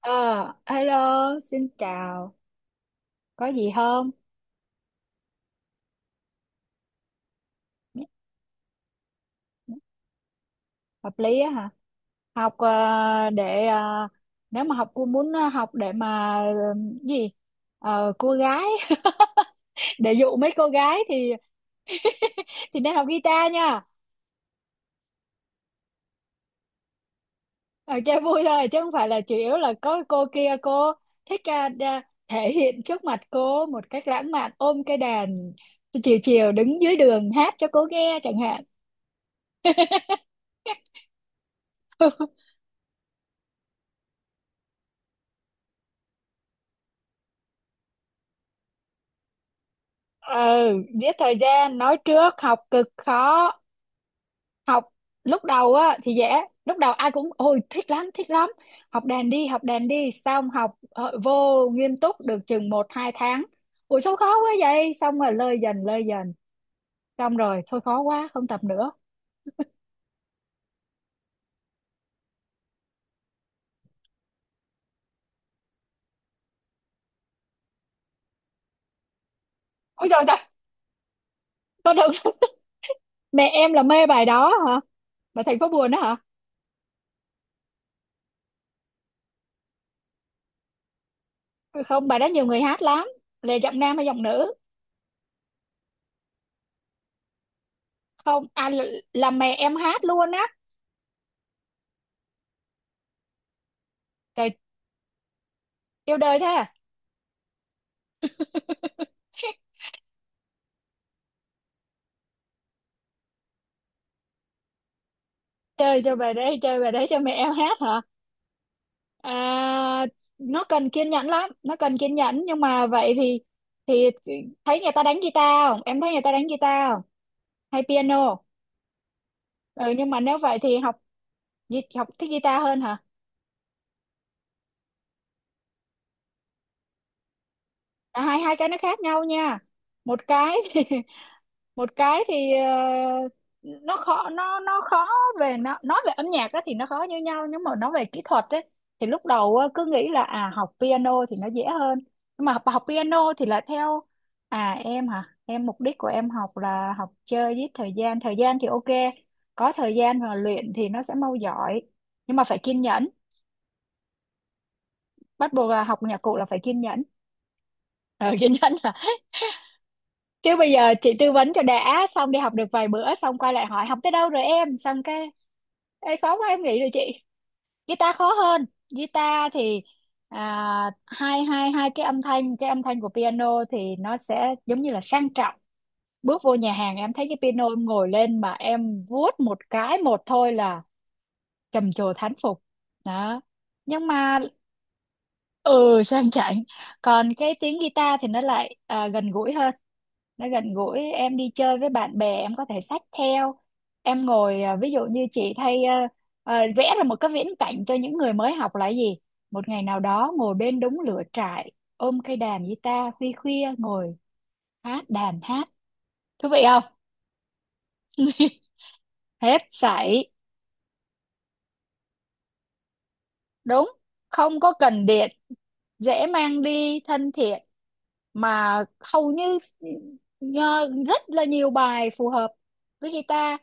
Ờ, hello, xin chào. Có gì không? Hợp lý á hả? Học, để, nếu mà học cô muốn, học để mà, gì? Cô gái để dụ mấy cô gái thì nên học guitar nha. Ờ, Chơi vui thôi chứ không phải là chủ yếu là có cô kia, cô thích, thể hiện trước mặt cô một cách lãng mạn, ôm cái đàn chiều chiều đứng dưới đường hát cho cô nghe chẳng hạn. Ừ, giết thời gian nói trước học cực khó. Học lúc đầu á thì dễ, lúc đầu ai cũng ôi thích lắm thích lắm, học đàn đi học đàn đi, xong học vô nghiêm túc được chừng một hai tháng, ủa sao khó quá vậy, xong rồi lơi dần lơi dần, xong rồi thôi khó quá không tập nữa. Ôi trời trời, con được. Mẹ em là mê bài đó hả? Bài thành phố buồn đó hả? Không, bài đó nhiều người hát lắm. Là giọng nam hay giọng nữ? Không à, là mẹ em hát luôn á. Trời, yêu đời thế à? Chơi cho bài đấy, chơi bài đấy cho mẹ em hát hả? À, nó cần kiên nhẫn lắm, nó cần kiên nhẫn, nhưng mà vậy thì thì thấy người ta đánh guitar không, em thấy người ta đánh guitar không, hay piano? Ừ, nhưng mà nếu vậy thì học, học thích guitar hơn hả? À, hai hai cái nó khác nhau nha. Một cái thì một cái thì, nó khó, nó khó về, nó nói về âm nhạc á thì nó khó như nhau, nhưng mà nói về kỹ thuật ấy thì lúc đầu á, cứ nghĩ là à học piano thì nó dễ hơn, nhưng mà học, piano thì là theo. À em hả, em mục đích của em học là học chơi giết thời gian, thời gian thì ok, có thời gian mà luyện thì nó sẽ mau giỏi, nhưng mà phải kiên nhẫn. Bắt buộc là học nhạc cụ là phải kiên nhẫn. Ờ, kiên nhẫn. Chứ bây giờ chị tư vấn cho đã xong đi học được vài bữa xong quay lại hỏi học tới đâu rồi em, xong cái Ê, khó quá em nghĩ rồi chị. Guitar khó hơn. Guitar thì, à, hai hai hai cái âm thanh, cái âm thanh của piano thì nó sẽ giống như là sang trọng, bước vô nhà hàng em thấy cái piano em ngồi lên mà em vuốt một cái một thôi là trầm trồ thán phục đó. Nhưng mà ừ sang chảnh, còn cái tiếng guitar thì nó lại, gần gũi hơn. Nó gần gũi, em đi chơi với bạn bè em có thể xách theo, em ngồi, ví dụ như chị thay, vẽ ra một cái viễn cảnh cho những người mới học là gì, một ngày nào đó ngồi bên đống lửa trại, ôm cây đàn guitar khuya khuya ngồi hát đàn hát, thú vị không? Hết sảy. Đúng không có cần điện, dễ mang đi thân thiện, mà hầu như rất là nhiều bài phù hợp với guitar.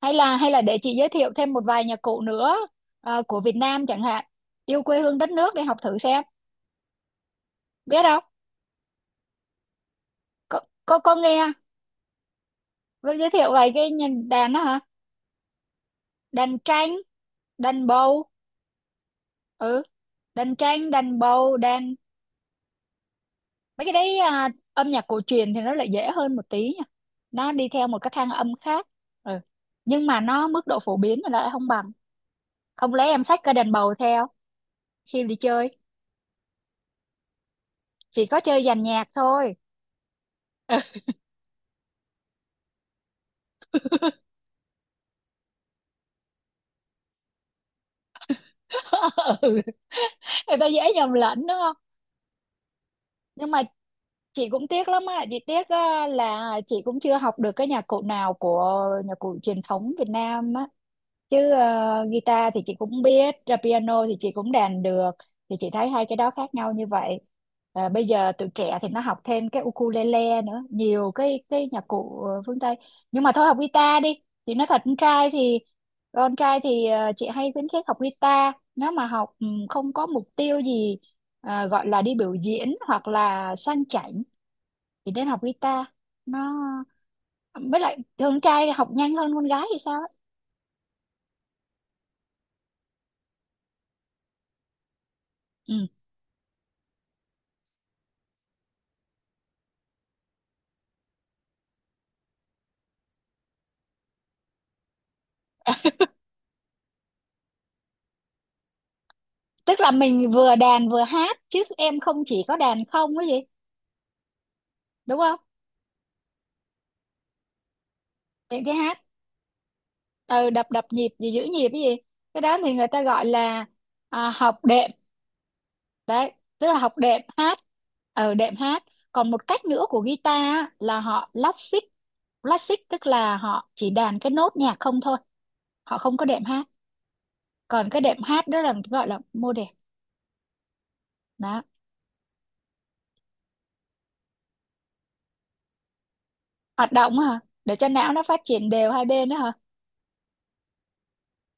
Hay là, hay là để chị giới thiệu thêm một vài nhạc cụ nữa, của Việt Nam chẳng hạn, yêu quê hương đất nước, để học thử xem, biết không? Có, có nghe, với giới thiệu vài cái nhìn đàn đó hả. Đàn tranh, đàn bầu. Ừ, đàn tranh đàn bầu đàn mấy cái đấy, âm nhạc cổ truyền thì nó lại dễ hơn một tí nha, nó đi theo một cái thang âm khác. Ừ. Nhưng mà nó mức độ phổ biến thì nó lại không bằng. Không lẽ em xách cái đàn bầu theo khi đi chơi, chỉ có chơi dàn nhạc thôi. Ừ. Người ta dễ nhầm lẫn đúng không. Nhưng mà chị cũng tiếc lắm á, chị tiếc á, là chị cũng chưa học được cái nhạc cụ nào của nhạc cụ truyền thống Việt Nam á. Chứ guitar thì chị cũng biết ra, piano thì chị cũng đàn được, thì chị thấy hai cái đó khác nhau như vậy. Ờ, bây giờ tụi trẻ thì nó học thêm cái ukulele nữa, nhiều cái nhạc cụ, phương Tây, nhưng mà thôi học guitar đi. Thì nói thật con trai thì, chị hay khuyến khích học guitar, nếu mà học ừ, không có mục tiêu gì, gọi là đi biểu diễn hoặc là sang chảnh thì nên học guitar. Nó với lại thường con trai học nhanh hơn con gái thì sao ấy. Ừ. Tức là mình vừa đàn vừa hát chứ em không chỉ có đàn không cái gì, đúng không? Những cái hát ừ, đập đập nhịp gì, giữ nhịp cái gì, cái đó thì người ta gọi là, học đệm. Đấy, tức là học đệm hát, ở đệm hát. Còn một cách nữa của guitar á, là họ classic, classic tức là họ chỉ đàn cái nốt nhạc không thôi, họ không có đệm hát. Còn cái đệm hát đó là gọi là mô đệm. Đó, hoạt động á hả, để cho não nó phát triển đều hai bên đó hả?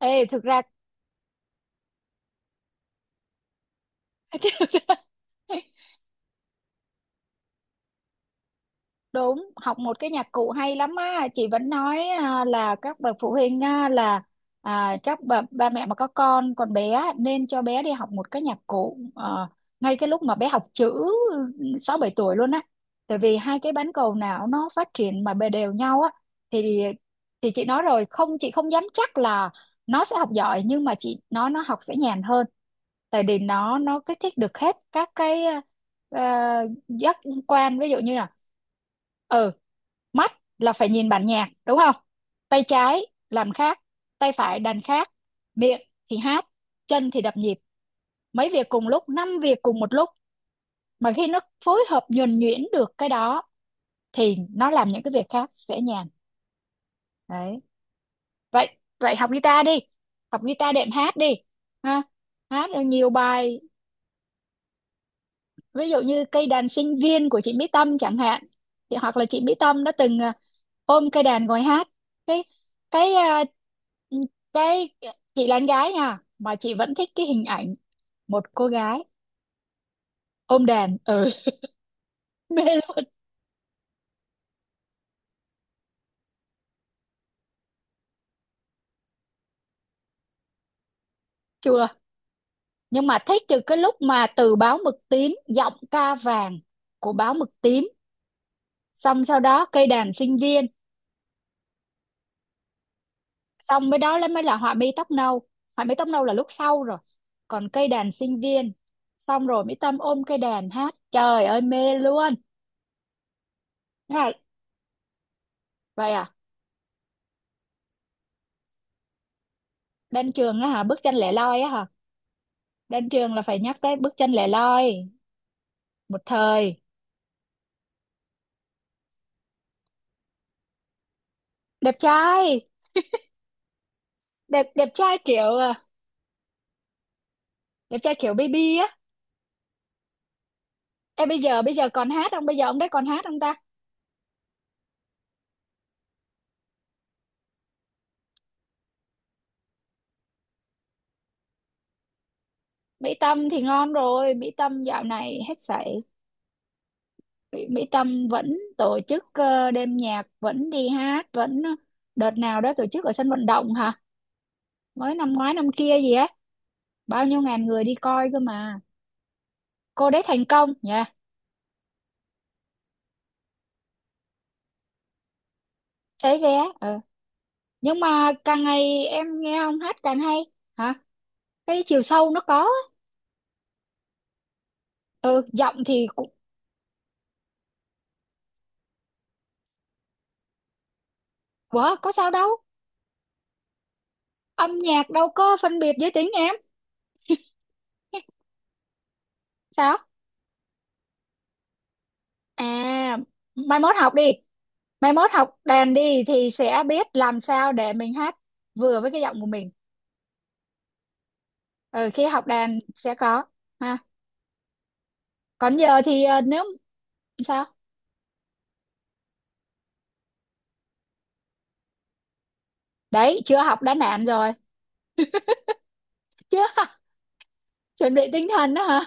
Ê thực ra Đúng, học một cái nhạc cụ hay lắm á, chị vẫn nói, là các bậc phụ huynh á, là, các bậc ba mẹ mà có con còn bé á, nên cho bé đi học một cái nhạc cụ, ngay cái lúc mà bé học chữ 6 7 tuổi luôn á. Tại vì hai cái bán cầu não nó phát triển mà bề đều nhau á thì, chị nói rồi, không chị không dám chắc là nó sẽ học giỏi, nhưng mà chị nói nó học sẽ nhàn hơn. Tại vì nó kích thích được hết các cái, ờ, giác quan, ví dụ như là ừ mắt là phải nhìn bản nhạc đúng không, tay trái làm khác, tay phải đàn khác, miệng thì hát, chân thì đập nhịp, mấy việc cùng lúc, năm việc cùng một lúc, mà khi nó phối hợp nhuần nhuyễn được cái đó thì nó làm những cái việc khác sẽ nhàn. Đấy, vậy vậy học guitar đi, học guitar đệm hát đi ha. Hát nhiều bài, ví dụ như cây đàn sinh viên của chị Mỹ Tâm chẳng hạn, thì hoặc là chị Mỹ Tâm đã từng, ôm cây đàn ngồi hát cái cái, cái chị là con gái nha, mà chị vẫn thích cái hình ảnh một cô gái ôm đàn. Ừ mê luôn. Chùa, nhưng mà thích từ cái lúc mà từ báo mực tím giọng ca vàng của báo mực tím, xong sau đó cây đàn sinh viên. Xong mới đó là mới là họa mi tóc nâu, họa mi tóc nâu là lúc sau rồi, còn cây đàn sinh viên xong rồi Mỹ Tâm ôm cây đàn hát trời ơi mê luôn. Thế là, vậy à. Đan Trường á hả, bước chân lẻ loi á hả. Đan Trường là phải nhắc tới bước chân lẻ loi một thời. Đẹp trai, đẹp đẹp trai kiểu, đẹp trai kiểu baby á. Em bây giờ, bây giờ còn hát không, bây giờ ông đấy còn hát không ta? Mỹ Tâm thì ngon rồi, Mỹ Tâm dạo này hết sảy. Mỹ Tâm vẫn tổ chức, đêm nhạc vẫn đi hát vẫn, đợt nào đó tổ chức ở sân vận động hả, mới năm ngoái năm kia gì á, bao nhiêu ngàn người đi coi cơ mà. Cô đấy thành công nha. Cháy vé. Ờ. Nhưng mà càng ngày em nghe ông hát càng hay hả, cái chiều sâu nó có á. Ừ giọng thì cũng quá có sao đâu, âm nhạc đâu có phân biệt giới tính em. Sao? À, mai mốt học đi, mai mốt học đàn đi thì sẽ biết làm sao để mình hát vừa với cái giọng của mình. Ừ, khi học đàn sẽ có ha. Còn giờ thì, nếu sao đấy chưa học đã nản rồi chưa. Chuẩn bị tinh thần đó hả?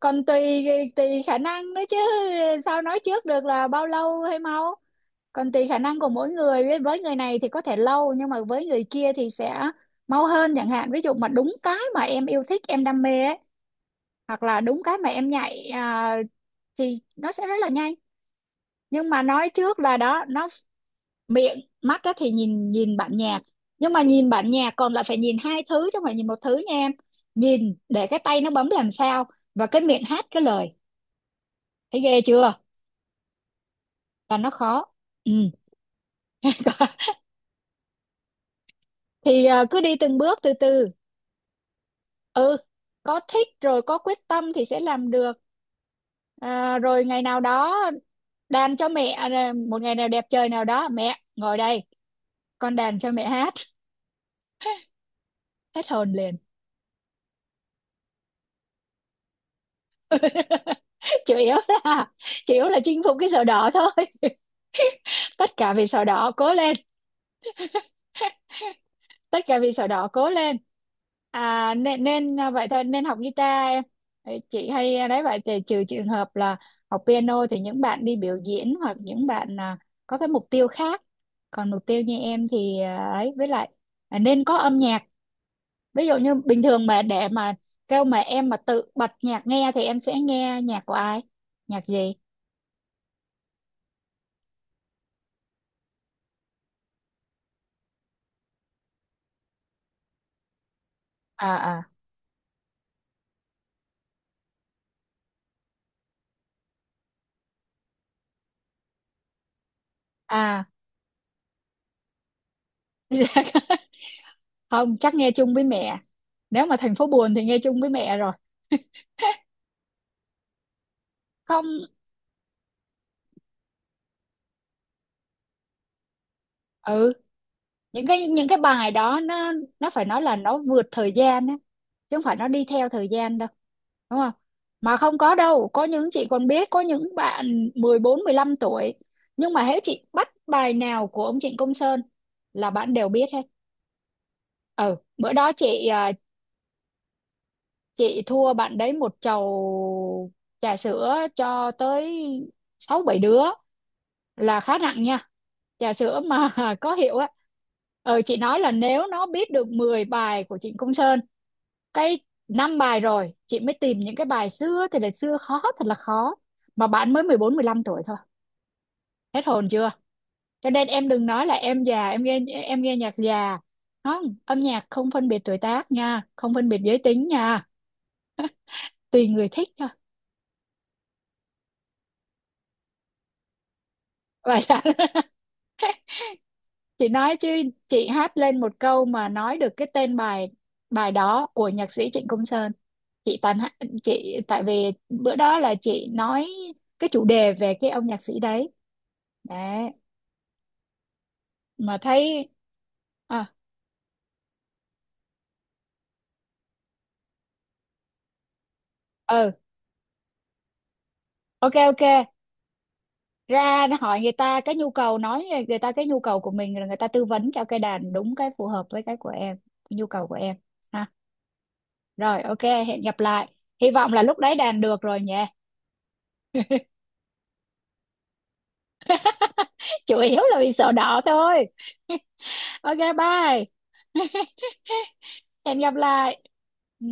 Còn tùy, tùy khả năng nữa chứ, sao nói trước được là bao lâu hay mau. Còn tùy khả năng của mỗi người, với người này thì có thể lâu, nhưng mà với người kia thì sẽ mau hơn chẳng hạn, ví dụ mà đúng cái mà em yêu thích em đam mê ấy, hoặc là đúng cái mà em nhạy, thì nó sẽ rất là nhanh. Nhưng mà nói trước là đó nó miệng mắt á thì, nhìn nhìn bản nhạc, nhưng mà nhìn bản nhạc còn lại phải nhìn hai thứ chứ không phải nhìn một thứ nha em. Nhìn để cái tay nó bấm làm sao, và cái miệng hát cái lời, thấy ghê chưa? Và nó khó. Ừ. Thì, cứ đi từng bước từ từ. Ừ, có thích rồi có quyết tâm thì sẽ làm được. À, rồi ngày nào đó đàn cho mẹ, một ngày nào đẹp trời nào đó mẹ ngồi đây con đàn cho mẹ hát. Hết hồn liền. Chủ yếu là, chinh phục cái sổ đỏ thôi. Tất cả vì sổ đỏ, cố lên. Tất cả vì sổ đỏ, cố lên. À, nên nên, vậy thôi nên học guitar em. Đấy, chị hay, đấy vậy thì trừ trường hợp là học piano thì những bạn đi biểu diễn hoặc những bạn, có cái mục tiêu khác. Còn mục tiêu như em thì à, ấy với lại, nên có âm nhạc. Ví dụ như bình thường mà để mà kêu mà em mà tự bật nhạc nghe thì em sẽ nghe nhạc của ai, nhạc gì? À à à. Dạ. Không chắc nghe chung với mẹ, nếu mà thành phố buồn thì nghe chung với mẹ rồi. Không. Ừ, những cái bài đó nó phải nói là nó vượt thời gian á chứ không phải nó đi theo thời gian đâu, đúng không? Mà không có đâu, có những, chị còn biết có những bạn 14-15 tuổi, nhưng mà hễ chị bắt bài nào của ông Trịnh Công Sơn là bạn đều biết hết. Ừ bữa đó chị, chị thua bạn đấy một chầu trà sữa, cho tới sáu bảy đứa là khá nặng nha, trà sữa mà. Có hiệu á. Ờ, chị nói là nếu nó biết được 10 bài của Trịnh Công Sơn cái 5 bài rồi, chị mới tìm những cái bài xưa thì là xưa khó thật là khó, mà bạn mới 14 mười 15 tuổi thôi, hết hồn chưa. Cho nên em đừng nói là em già, em nghe nhạc già, không âm nhạc không phân biệt tuổi tác nha, không phân biệt giới tính nha. Tùy người thích thôi. Vậy hả? Chị nói chứ, chị hát lên một câu mà nói được cái tên bài, bài đó của nhạc sĩ Trịnh Công Sơn. Chị chị tại vì bữa đó là chị nói cái chủ đề về cái ông nhạc sĩ đấy. Đấy mà thấy à ừ ok ok. Ra hỏi người ta cái nhu cầu, nói người ta cái nhu cầu của mình rồi người ta tư vấn cho cái đàn đúng cái phù hợp với cái của em nhu cầu của em ha. Rồi ok, hẹn gặp lại, hy vọng là lúc đấy đàn được rồi nhỉ. Chủ yếu là vì sợ đỏ thôi. Ok bye. Hẹn gặp lại. Ừ.